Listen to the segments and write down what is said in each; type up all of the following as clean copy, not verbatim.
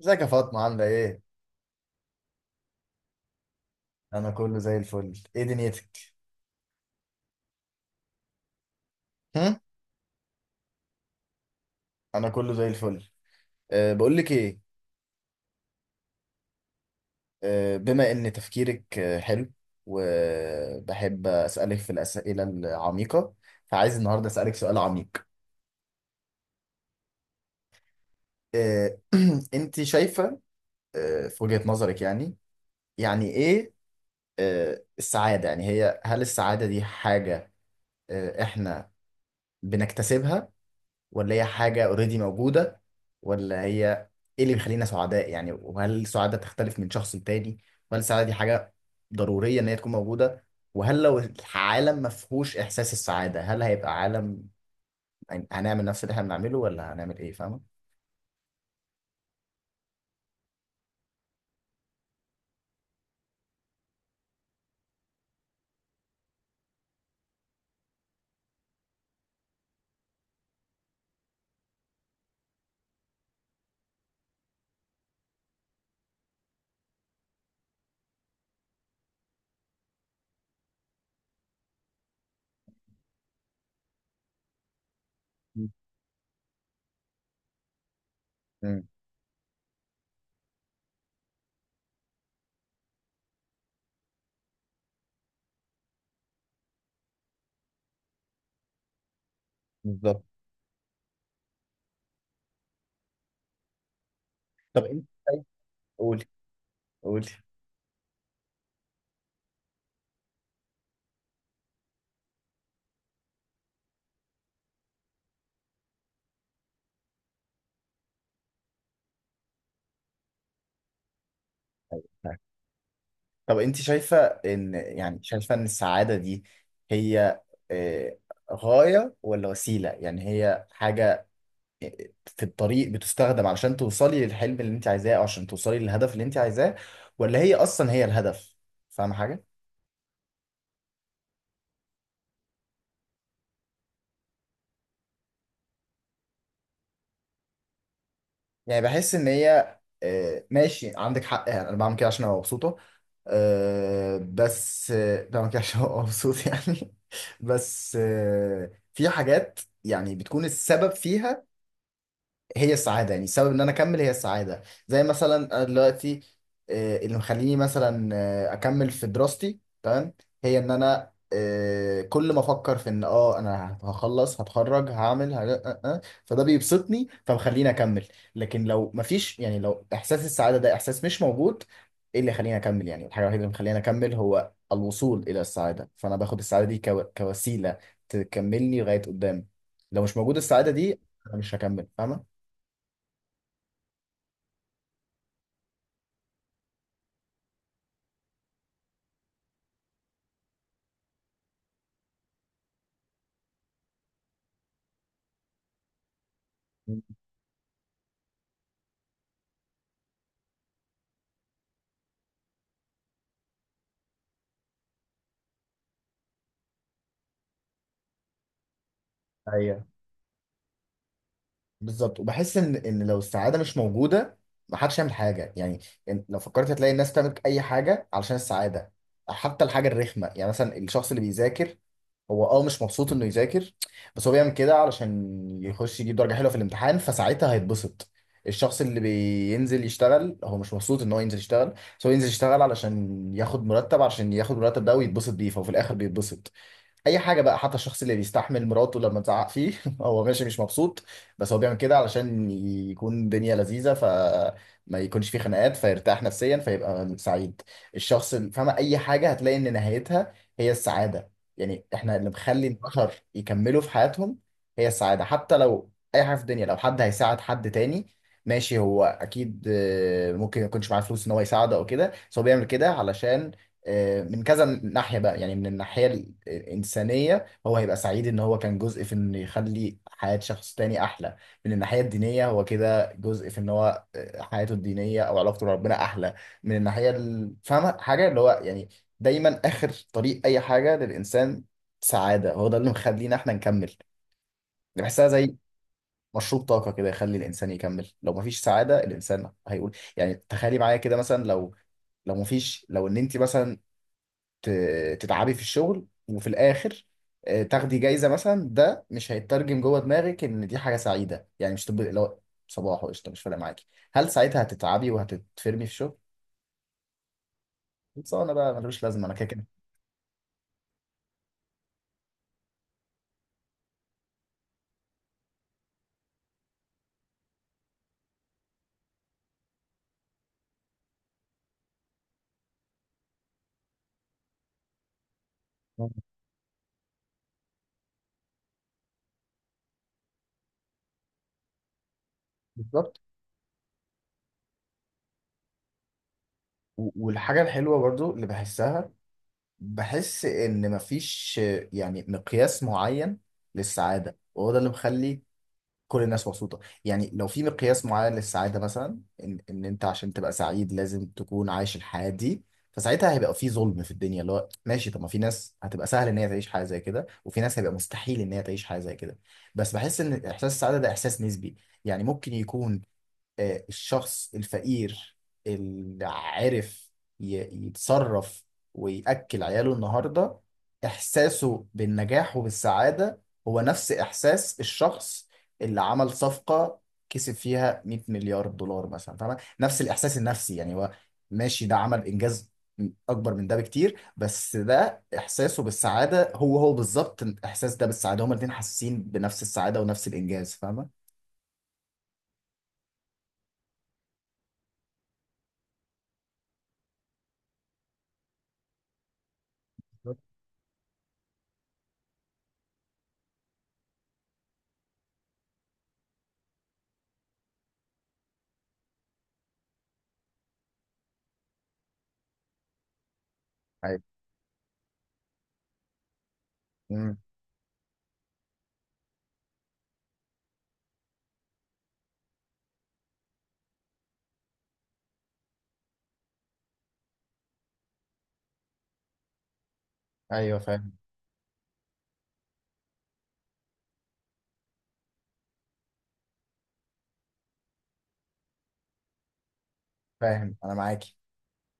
ازيك يا فاطمة عاملة ايه؟ أنا كله زي الفل، ايه دنيتك؟ هم؟ أنا كله زي الفل. بقول لك ايه؟ بما إن تفكيرك حلو، وبحب أسألك في الأسئلة العميقة، فعايز النهاردة أسألك سؤال عميق. أه أنت شايفة في وجهة نظرك، يعني يعني ايه السعادة؟ يعني هل السعادة دي حاجة إحنا بنكتسبها، ولا هي حاجة اوريدي موجودة، ولا هي ايه اللي بيخلينا سعداء؟ يعني وهل السعادة تختلف من شخص لتاني؟ وهل السعادة دي حاجة ضرورية ان هي تكون موجودة؟ وهل لو العالم ما فيهوش احساس السعادة هل هيبقى عالم؟ يعني هنعمل نفس اللي احنا بنعمله ولا هنعمل ايه، فاهمة؟ مم. مم. بالظبط. طب انت شايف، قولي، قولي. طب انت شايفة ان يعني شايفة ان السعادة دي هي آه، غاية ولا وسيلة؟ يعني هي حاجة في الطريق بتستخدم علشان توصلي للحلم اللي انت عايزاه او عشان توصلي للهدف اللي انت عايزاه، ولا هي اصلا هي الهدف؟ فاهم حاجه؟ يعني بحس ان هي ماشي عندك حق، يعني انا بعمل كده عشان ابقى مبسوطه، بس بعمل كده عشان ابقى مبسوط يعني بس في حاجات يعني بتكون السبب فيها هي السعادة، يعني السبب ان انا اكمل هي السعادة. زي مثلا انا دلوقتي اللي مخليني مثلا اكمل في دراستي، تمام، هي ان انا كل ما افكر في ان اه انا هخلص هتخرج هعمل فده بيبسطني فمخليني اكمل. لكن لو مفيش، يعني لو احساس السعادة ده احساس مش موجود، ايه اللي يخليني اكمل؟ يعني الحاجة الوحيدة اللي مخليني اكمل هو الوصول الى السعادة، فانا باخد السعادة دي كوسيلة تكملني لغاية قدام. لو مش موجود السعادة دي انا مش هكمل، فاهمة؟ ايوه بالظبط، وبحس ان لو السعاده مش موجوده ما حدش يعمل حاجه يعني. لو فكرت هتلاقي الناس تعمل اي حاجه علشان السعاده. حتى الحاجه الرخمه، يعني مثلا الشخص اللي بيذاكر هو اه مش مبسوط انه يذاكر، بس هو بيعمل كده علشان يخش يجيب درجه حلوه في الامتحان، فساعتها هيتبسط. الشخص اللي بينزل يشتغل هو مش مبسوط ان هو ينزل يشتغل، بس هو ينزل يشتغل علشان ياخد مرتب، علشان ياخد المرتب ده ويتبسط بيه، فهو في الاخر بيتبسط. اي حاجه بقى، حتى الشخص اللي بيستحمل مراته لما تزعق فيه هو ماشي مش مبسوط، بس هو بيعمل كده علشان يكون الدنيا لذيذه فما يكونش فيه خناقات، فيرتاح نفسيا فيبقى سعيد. الشخص اللي فاهمه اي حاجه هتلاقي ان نهايتها هي السعاده. يعني احنا اللي مخلي البشر يكملوا في حياتهم هي السعاده. حتى لو اي حاجه في الدنيا، لو حد هيساعد حد تاني، ماشي هو اكيد ممكن ما يكونش معاه فلوس ان هو يساعده او كده، بس هو بيعمل كده علشان من كذا ناحية بقى. يعني من الناحية الإنسانية هو هيبقى سعيد إن هو كان جزء في إنه يخلي حياة شخص تاني أحلى. من الناحية الدينية هو كده جزء في إن هو حياته الدينية أو علاقته بربنا أحلى. من الناحية فاهمة حاجة؟ اللي هو يعني دايما آخر طريق أي حاجة للإنسان سعادة. هو ده اللي مخلينا إحنا نكمل. بحسها زي مشروب طاقة كده يخلي الإنسان يكمل. لو مفيش سعادة الإنسان هيقول يعني، تخيلي معايا كده، مثلا لو مفيش، لو ان انت مثلا تتعبي في الشغل وفي الاخر تاخدي جايزه مثلا، ده مش هيترجم جوه دماغك ان دي حاجه سعيده. يعني مش تبقى لو صباح وقشطه مش فارق معاكي، هل ساعتها هتتعبي وهتتفرمي في شغل؟ خلصانه بقى، ملوش لازمه، انا كده كده. بالظبط. والحاجه الحلوه برضو اللي بحسها، بحس ان مفيش يعني مقياس معين للسعاده، وهو ده اللي مخلي كل الناس مبسوطة. يعني لو في مقياس معين للسعادة مثلا، إن أنت عشان تبقى سعيد لازم تكون عايش الحياة دي، فساعتها هيبقى في ظلم في الدنيا، اللي هو ماشي، طب ما في ناس هتبقى سهل إن هي تعيش حياة زي كده، وفي ناس هيبقى مستحيل إن هي تعيش حياة زي كده. بس بحس إن إحساس السعادة ده إحساس نسبي. يعني ممكن يكون الشخص الفقير اللي عرف يتصرف ويأكل عياله النهاردة، إحساسه بالنجاح وبالسعادة هو نفس إحساس الشخص اللي عمل صفقة كسب فيها 100 مليار دولار مثلا، فاهمة؟ نفس الإحساس النفسي، يعني هو ماشي ده عمل إنجاز أكبر من ده بكتير، بس ده إحساسه بالسعادة هو هو بالظبط الإحساس ده بالسعادة، هما الاتنين حاسين بنفس السعادة ونفس الإنجاز، فاهمة؟ أيوة. أمم. أيوه فاهم. فاهم انا معاكي،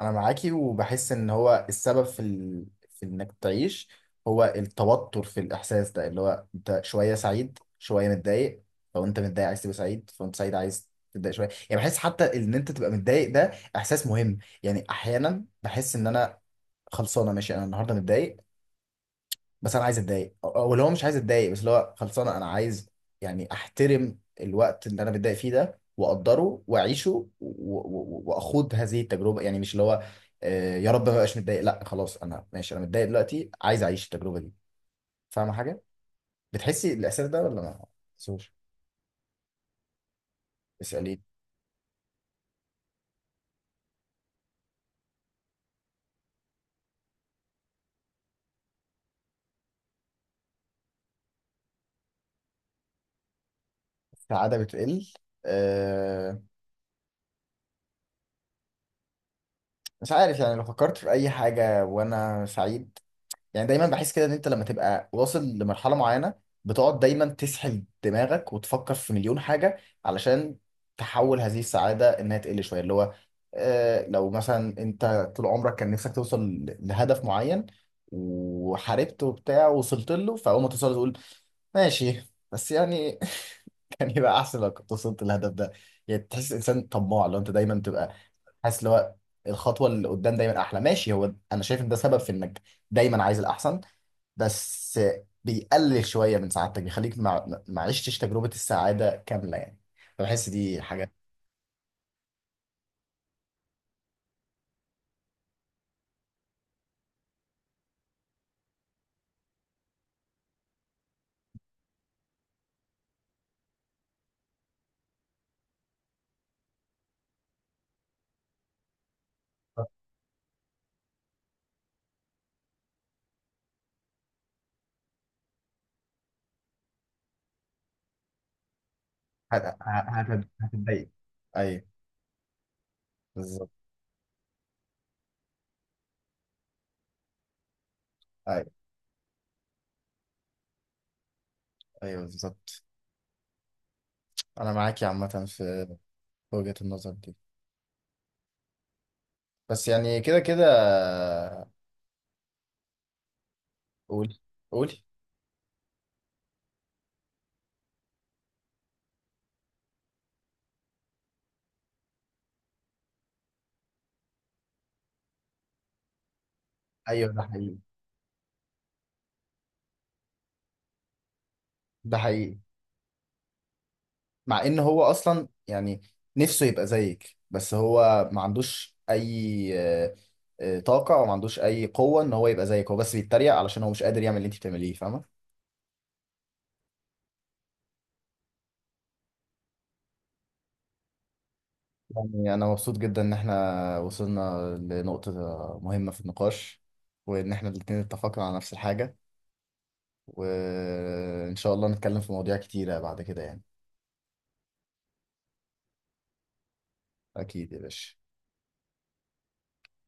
انا معاكي، وبحس ان هو السبب في في انك تعيش هو التوتر في الاحساس ده، اللي هو انت شويه سعيد شويه متضايق. لو انت متضايق عايز تبقى سعيد، فانت سعيد عايز تتضايق شويه، يعني بحس حتى ان انت تبقى متضايق ده احساس مهم. يعني احيانا بحس ان انا خلصانه، ماشي انا النهارده متضايق، بس انا عايز اتضايق او أو اللي هو مش عايز اتضايق بس اللي هو خلصانه انا عايز، يعني احترم الوقت اللي انا بتضايق فيه ده واقدره واعيشه واخوض هذه التجربه. يعني مش اللي هو يا رب ما بقاش متضايق، لا خلاص انا ماشي، انا متضايق دلوقتي عايز اعيش التجربه دي، فاهمه حاجه؟ بتحسي الاحساس ده ولا ما بتحسوش؟ اسالي. السعاده بتقل؟ أه مش عارف، يعني لو فكرت في اي حاجه وانا سعيد، يعني دايما بحس كده ان انت لما تبقى واصل لمرحله معينه بتقعد دايما تسحل دماغك وتفكر في مليون حاجه علشان تحول هذه السعاده انها تقل شويه. اللي هو لو مثلا انت طول عمرك كان نفسك توصل لهدف معين، وحاربت وبتاع ووصلت له، فاول ما توصل تقول ماشي، بس يعني كان يبقى احسن لو كنت وصلت للهدف ده. يعني تحس انسان طماع لو انت دايما تبقى حاسس اللي هو الخطوه اللي قدام دايما احلى. ماشي، هو انا شايف ان ده سبب في انك دايما عايز الاحسن، بس بيقلل شويه من سعادتك، بيخليك ما عشتش تجربه السعاده كامله يعني، فبحس دي حاجه. هتتضايق. ايوه بالظبط. ايوه. ايوه بالظبط. انا معاك يا عامه في وجهه النظر دي، بس يعني كده كده. قول. قول. ايوه ده حقيقي. ده حقيقي. مع ان هو اصلا يعني نفسه يبقى زيك، بس هو ما عندوش اي طاقة او ما عندوش اي قوة ان هو يبقى زيك، هو بس بيتريق علشان هو مش قادر يعمل اللي انت بتعمليه، فاهمة؟ يعني انا مبسوط جدا ان احنا وصلنا لنقطة مهمة في النقاش، وان احنا الاتنين اتفقنا على نفس الحاجة، وان شاء الله نتكلم في مواضيع كتيرة بعد كده يعني. اكيد يا باشا.